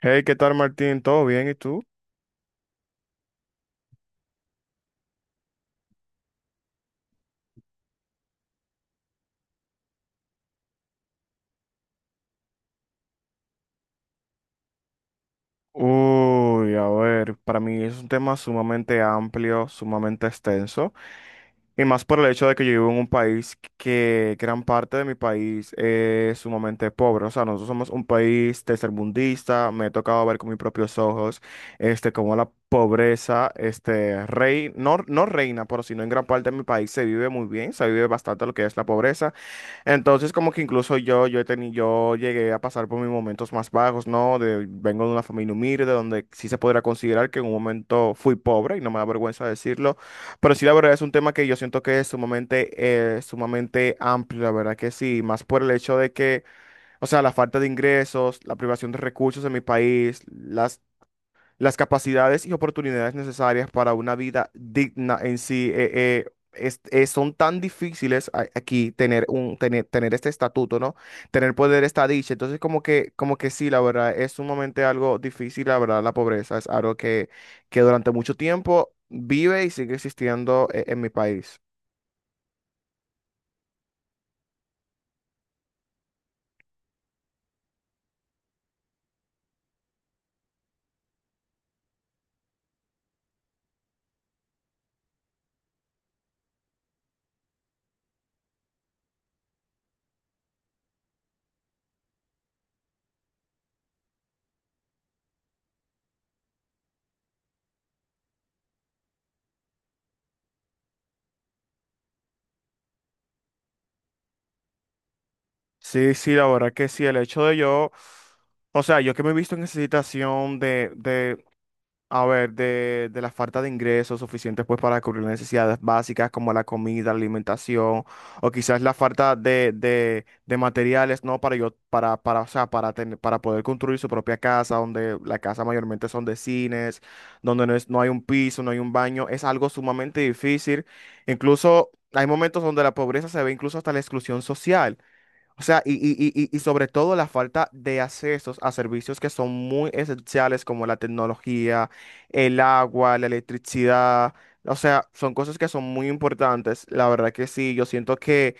Hey, ¿qué tal, Martín? ¿Todo bien? ¿Y tú? Uy, a ver, para mí es un tema sumamente amplio, sumamente extenso, y más por el hecho de que yo vivo en un país que gran parte de mi país es sumamente pobre. O sea, nosotros somos un país tercermundista, me he tocado ver con mis propios ojos, cómo la pobreza, rey, no reina, pero sino en gran parte de mi país se vive muy bien, se vive bastante lo que es la pobreza. Entonces, como que incluso yo he tenido yo llegué a pasar por mis momentos más bajos, ¿no? De, vengo de una familia humilde, donde sí se podrá considerar que en un momento fui pobre, y no me da vergüenza decirlo, pero sí la verdad es un tema que yo siento que es sumamente, sumamente amplio, la verdad que sí, más por el hecho de que, o sea, la falta de ingresos, la privación de recursos en mi país, las capacidades y oportunidades necesarias para una vida digna en sí. Son tan difíciles aquí tener un tener este estatuto, ¿no? Tener poder esta dicha. Entonces, como que sí, la verdad, es sumamente algo difícil, la verdad, la pobreza. Es algo que durante mucho tiempo vive y sigue existiendo en mi país. Sí, sí, la verdad que sí, el hecho de yo, o sea, yo que me he visto en esa situación de, a ver, de la falta de ingresos suficientes pues para cubrir necesidades básicas como la comida, la alimentación, o quizás la falta de materiales, ¿no? Para yo, o sea, para tener, para poder construir su propia casa, donde la casa mayormente son de cines, donde no es, no hay un piso, no hay un baño, es algo sumamente difícil. Incluso hay momentos donde la pobreza se ve incluso hasta la exclusión social. O sea, y sobre todo la falta de accesos a servicios que son muy esenciales como la tecnología, el agua, la electricidad. O sea, son cosas que son muy importantes. La verdad que sí, yo siento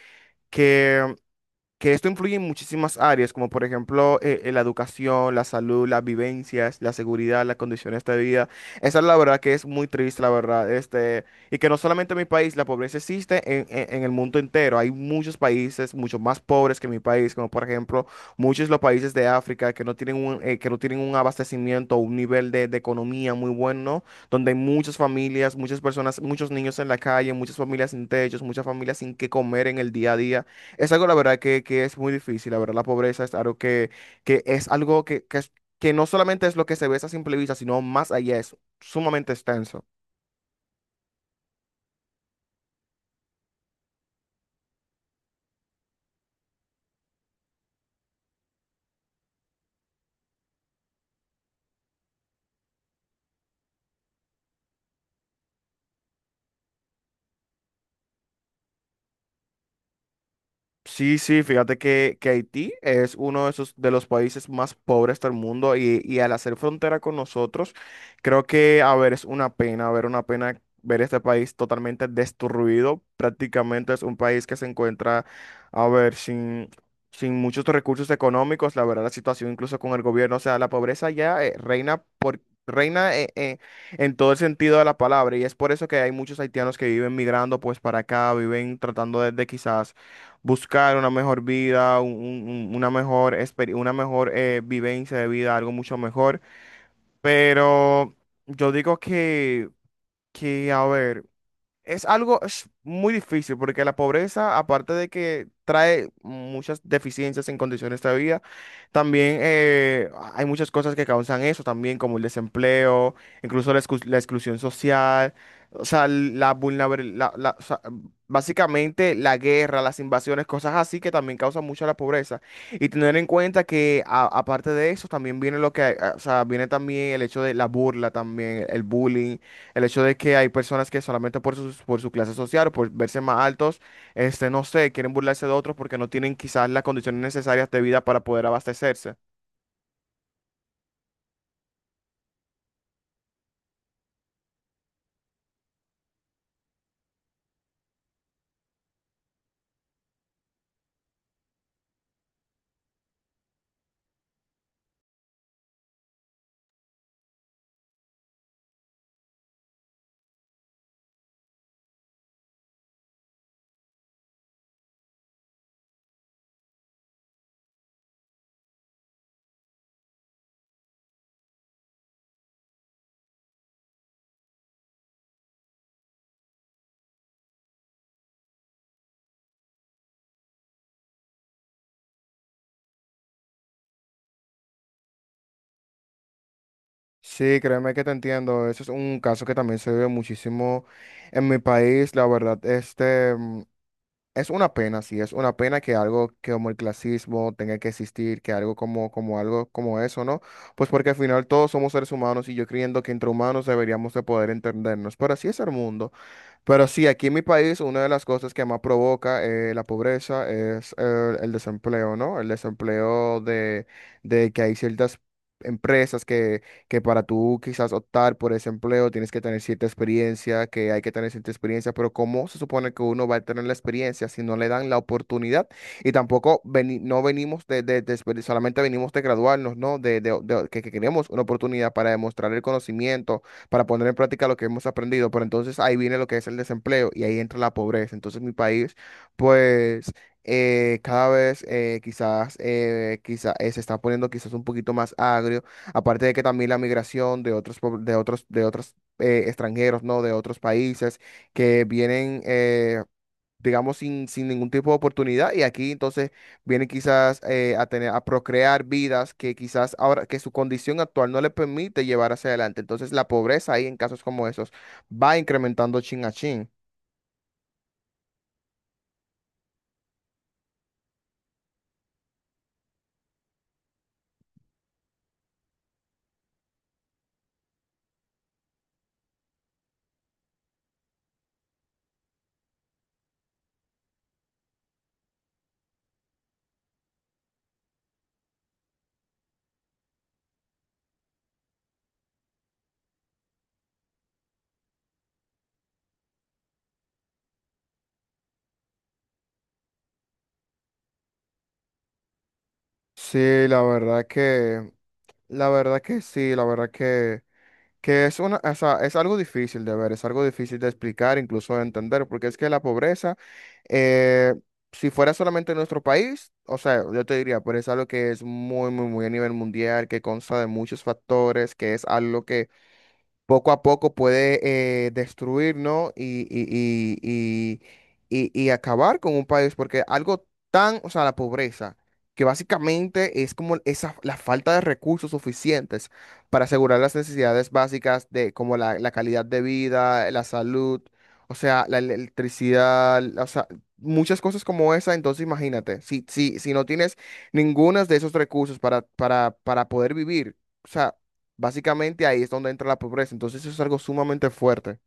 que esto influye en muchísimas áreas, como por ejemplo la educación, la salud, las vivencias, la seguridad, las condiciones de vida. Esa es la verdad que es muy triste, la verdad. Y que no solamente en mi país, la pobreza existe en el mundo entero. Hay muchos países, mucho más pobres que mi país, como por ejemplo muchos de los países de África que no tienen un, que no tienen un abastecimiento, un nivel de economía muy bueno, donde hay muchas familias, muchas personas, muchos niños en la calle, muchas familias sin techos, muchas familias sin qué comer en el día a día. Es algo, la verdad, que es muy difícil. La verdad, la pobreza es algo que es algo que no solamente es lo que se ve a simple vista, sino más allá, es sumamente extenso. Sí, sí, fíjate que Haití es uno de esos de los países más pobres del mundo y al hacer frontera con nosotros, creo que, a ver, es una pena, a ver, una pena ver este país totalmente destruido. Prácticamente es un país que se encuentra, a ver, sin, sin muchos recursos económicos, la verdad, la situación incluso con el gobierno, o sea, la pobreza ya reina por... Reina en todo el sentido de la palabra y es por eso que hay muchos haitianos que viven migrando pues para acá, viven tratando de quizás buscar una mejor vida, una mejor, una mejor vivencia de vida, algo mucho mejor. Pero yo digo que, a ver. Es algo es muy difícil porque la pobreza, aparte de que trae muchas deficiencias en condiciones de vida, también hay muchas cosas que causan eso también, como el desempleo, incluso la exclusión social, o sea, la vulnerabilidad, básicamente la guerra, las invasiones, cosas así que también causan mucho la pobreza. Y tener en cuenta que aparte de eso también viene lo que, o sea, viene también el hecho de la burla también, el bullying, el hecho de que hay personas que solamente por su clase social o por verse más altos, no sé, quieren burlarse de otros porque no tienen quizás las condiciones necesarias de vida para poder abastecerse. Sí, créeme que te entiendo. Eso es un caso que también se ve muchísimo en mi país. La verdad, es una pena, sí, es una pena que algo que como el clasismo tenga que existir, que algo como, como algo como eso, ¿no? Pues porque al final todos somos seres humanos y yo creyendo que entre humanos deberíamos de poder entendernos. Pero así es el mundo. Pero sí, aquí en mi país una de las cosas que más provoca la pobreza es el desempleo, ¿no? El desempleo de que hay ciertas empresas que para tú quizás optar por ese empleo tienes que tener cierta experiencia, que hay que tener cierta experiencia, pero ¿cómo se supone que uno va a tener la experiencia si no le dan la oportunidad? Y tampoco no venimos solamente venimos de graduarnos, ¿no? Que queremos una oportunidad para demostrar el conocimiento para poner en práctica lo que hemos aprendido, pero entonces ahí viene lo que es el desempleo y ahí entra la pobreza. Entonces mi país, pues cada vez se está poniendo quizás un poquito más agrio, aparte de que también la migración de otros extranjeros, ¿no? De otros países que vienen. Digamos, sin ningún tipo de oportunidad. Y aquí entonces vienen quizás a tener, a procrear vidas que quizás ahora, que su condición actual no le permite llevar hacia adelante. Entonces la pobreza ahí en casos como esos va incrementando chin a chin. Sí, la verdad que, la verdad que sí, la verdad que es una, o sea, es algo difícil de ver, es algo difícil de explicar, incluso de entender, porque es que la pobreza, eh, si fuera solamente en nuestro país, o sea, yo te diría, pero es algo que es muy, muy, muy a nivel mundial, que consta de muchos factores, que es algo que poco a poco puede destruir, ¿no? Y acabar con un país, porque algo tan, o sea, la pobreza, que básicamente es como esa, la falta de recursos suficientes para asegurar las necesidades básicas de como la calidad de vida, la salud, o sea, la electricidad, o sea, muchas cosas como esa, entonces imagínate, si no tienes ninguno de esos recursos para poder vivir. O sea, básicamente ahí es donde entra la pobreza. Entonces eso es algo sumamente fuerte.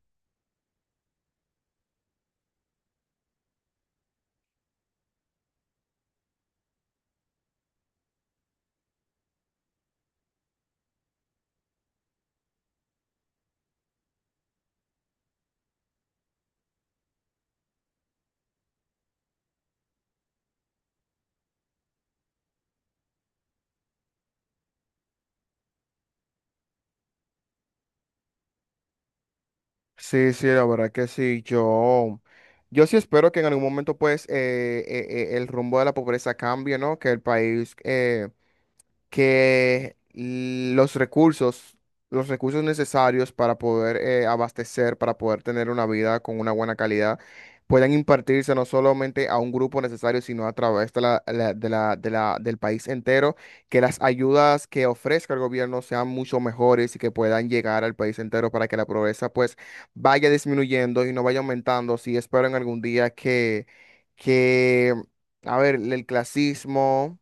Sí, sí, la verdad que sí. Yo sí espero que en algún momento pues el rumbo de la pobreza cambie, ¿no? Que el país que los recursos necesarios para poder abastecer, para poder tener una vida con una buena calidad, puedan impartirse no solamente a un grupo necesario, sino a través de del país entero, que las ayudas que ofrezca el gobierno sean mucho mejores y que puedan llegar al país entero para que la pobreza pues vaya disminuyendo y no vaya aumentando. Sí, espero en algún día que, a ver, el clasismo,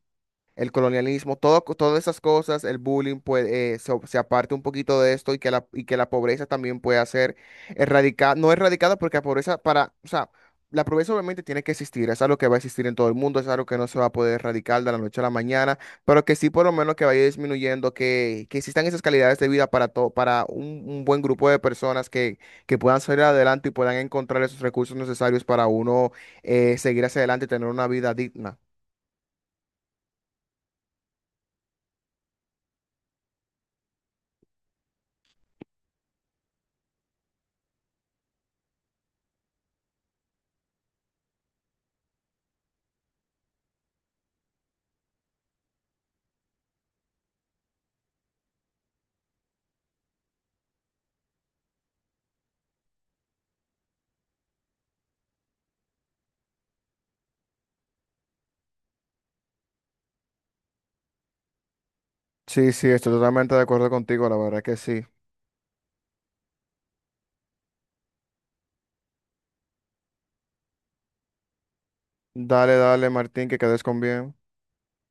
el colonialismo, todo, todas esas cosas, el bullying, pues se, se aparte un poquito de esto y que la pobreza también pueda ser erradicada, no erradicada porque la pobreza para, o sea, la pobreza obviamente tiene que existir, es algo que va a existir en todo el mundo, es algo que no se va a poder erradicar de la noche a la mañana, pero que sí por lo menos que vaya disminuyendo, que existan esas calidades de vida para todo, para un buen grupo de personas que puedan salir adelante y puedan encontrar esos recursos necesarios para uno seguir hacia adelante y tener una vida digna. Sí, sí, estoy totalmente de acuerdo contigo, la verdad que sí. Dale, dale, Martín, que quedes con bien.